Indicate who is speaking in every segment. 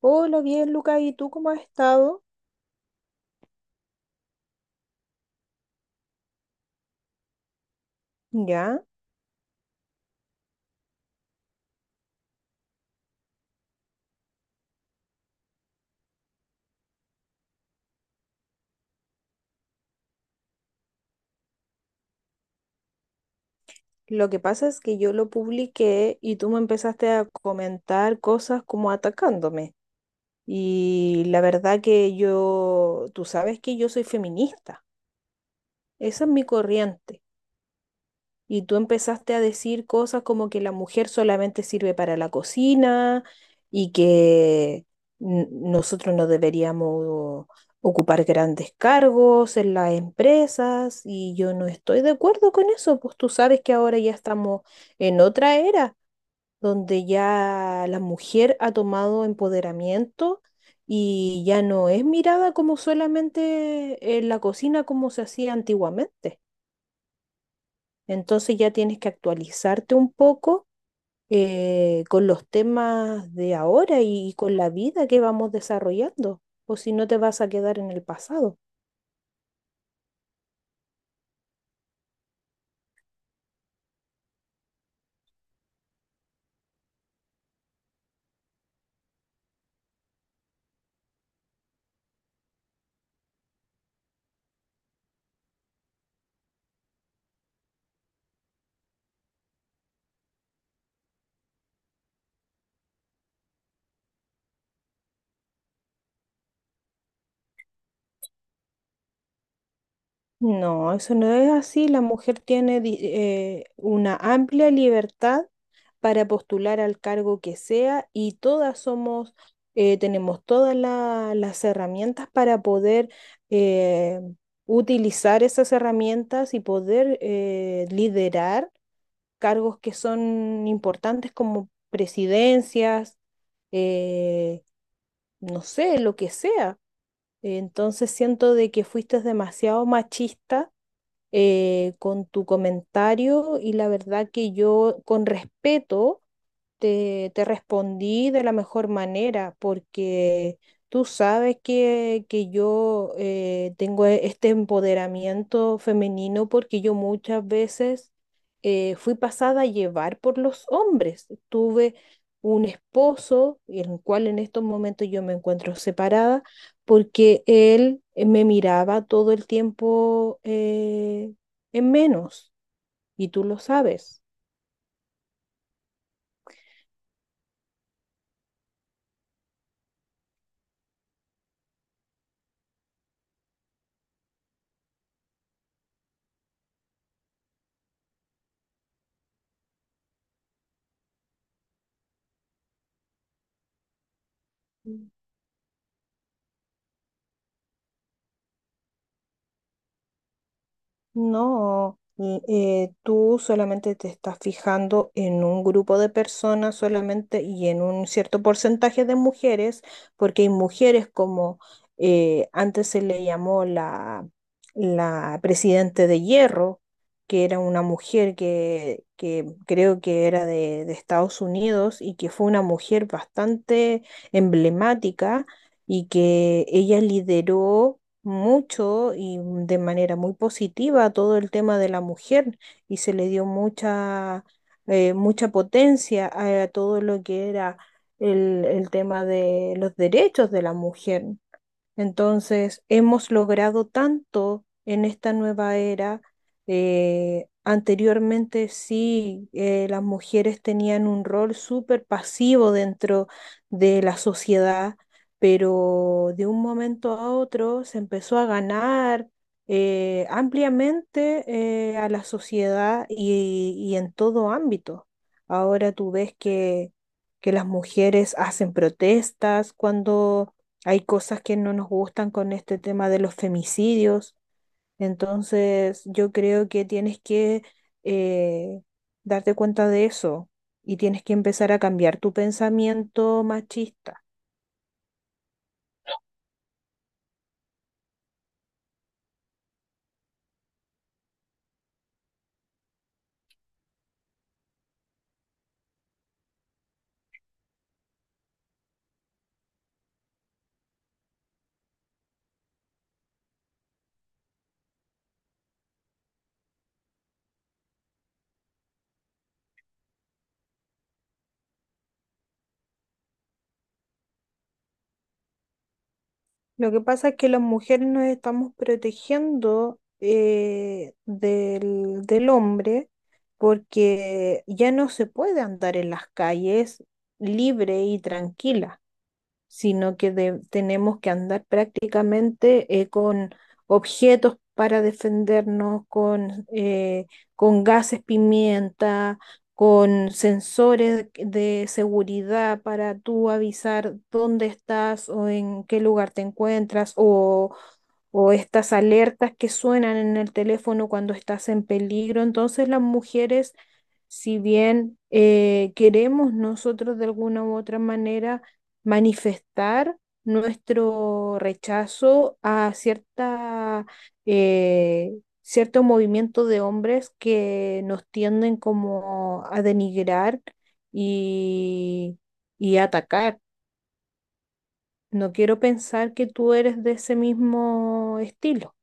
Speaker 1: Hola, bien, Luca, ¿y tú cómo has estado? Ya, lo que pasa es que yo lo publiqué y tú me empezaste a comentar cosas como atacándome. Y la verdad que yo, tú sabes que yo soy feminista, esa es mi corriente. Y tú empezaste a decir cosas como que la mujer solamente sirve para la cocina y que nosotros no deberíamos ocupar grandes cargos en las empresas y yo no estoy de acuerdo con eso, pues tú sabes que ahora ya estamos en otra era donde ya la mujer ha tomado empoderamiento. Y ya no es mirada como solamente en la cocina como se hacía antiguamente. Entonces ya tienes que actualizarte un poco con los temas de ahora y con la vida que vamos desarrollando, o si no te vas a quedar en el pasado. No, eso no es así. La mujer tiene una amplia libertad para postular al cargo que sea y todas somos, tenemos todas las herramientas para poder eh, utilizar esas herramientas y poder liderar cargos que son importantes como presidencias, eh, no sé, lo que sea. Entonces siento de que fuiste demasiado machista con tu comentario y la verdad que yo con respeto te respondí de la mejor manera porque tú sabes que yo tengo este empoderamiento femenino porque yo muchas veces fui pasada a llevar por los hombres. Tuve un esposo, el cual en estos momentos yo me encuentro separada, porque él me miraba todo el tiempo en menos, y tú lo sabes. No, l- Tú solamente te estás fijando en un grupo de personas solamente y en un cierto porcentaje de mujeres, porque hay mujeres como antes se le llamó la presidente de hierro, que era una mujer que creo que era de Estados Unidos y que fue una mujer bastante emblemática y que ella lideró mucho y de manera muy positiva todo el tema de la mujer y se le dio mucha, mucha potencia a, todo lo que era el tema de los derechos de la mujer. Entonces, hemos logrado tanto en esta nueva era. Anteriormente sí, las mujeres tenían un rol súper pasivo dentro de la sociedad, pero de un momento a otro se empezó a ganar ampliamente a la sociedad y en todo ámbito. Ahora tú ves que las mujeres hacen protestas cuando hay cosas que no nos gustan con este tema de los femicidios. Entonces, yo creo que tienes que eh, darte cuenta de eso y tienes que empezar a cambiar tu pensamiento machista. Lo que pasa es que las mujeres nos estamos protegiendo del hombre porque ya no se puede andar en las calles libre y tranquila. Sino que tenemos que andar prácticamente con objetos para defendernos, con gases pimienta, con sensores de seguridad para tú avisar dónde estás o en qué lugar te encuentras o estas alertas que suenan en el teléfono cuando estás en peligro. Entonces las mujeres, si bien queremos nosotros de alguna u otra manera manifestar nuestro rechazo a cierta, eh, cierto movimiento de hombres que nos tienden como a denigrar y, y atacar. No quiero pensar que tú eres de ese mismo estilo.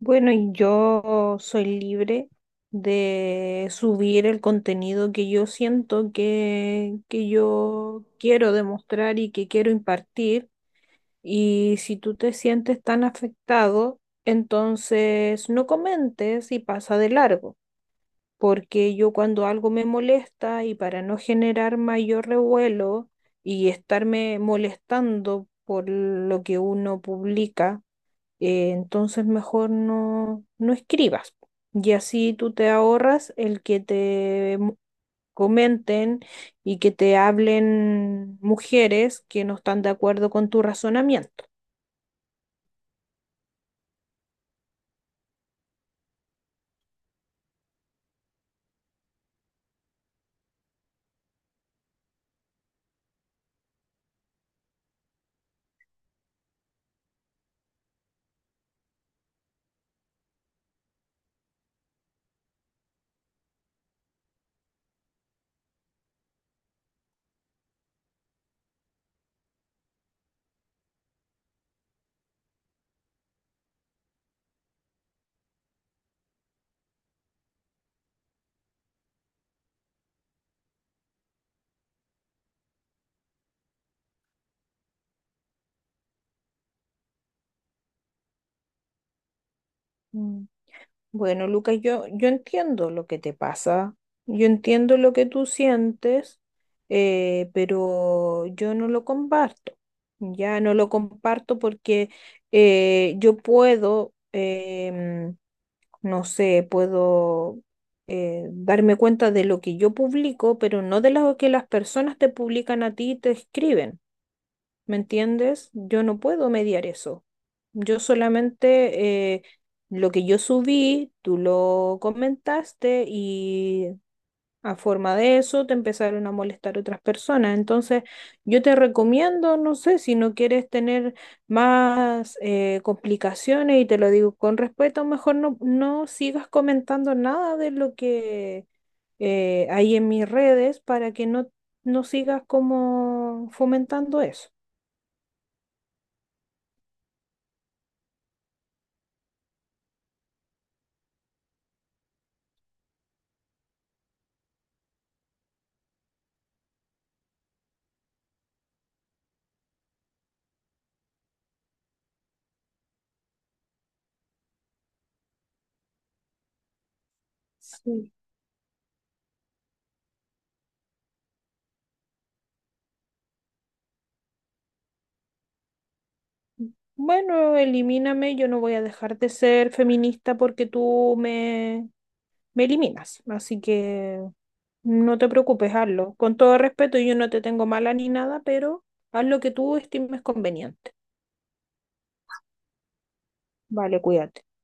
Speaker 1: Bueno, y yo soy libre de subir el contenido que yo siento que yo quiero demostrar y que quiero impartir. Y si tú te sientes tan afectado, entonces no comentes y pasa de largo, porque yo cuando algo me molesta y para no generar mayor revuelo y estarme molestando por lo que uno publica, entonces mejor no, no escribas. Y así tú te ahorras el que comenten y que te hablen mujeres que no están de acuerdo con tu razonamiento. Mm. Bueno, Lucas, yo entiendo lo que te pasa, yo entiendo lo que tú sientes, pero yo no lo comparto. Ya no lo comparto porque yo puedo no sé, puedo darme cuenta de lo que yo publico, pero no de lo que las personas te publican a ti y te escriben. ¿Me entiendes? Yo no puedo mediar eso. Yo solamente lo que yo subí, tú lo comentaste y a forma de eso te empezaron a molestar otras personas. Entonces, yo te recomiendo, no sé, si no quieres tener más complicaciones, y te lo digo con respeto, mejor no, no sigas comentando nada de lo que hay en mis redes para que no, no sigas como fomentando eso. Sí. Bueno, elimíname, yo no voy a dejar de ser feminista porque tú me, me eliminas. Así que... No te preocupes, hazlo. Con todo respeto, yo no te tengo mala ni nada, pero haz lo que tú estimes conveniente. Vale, cuídate.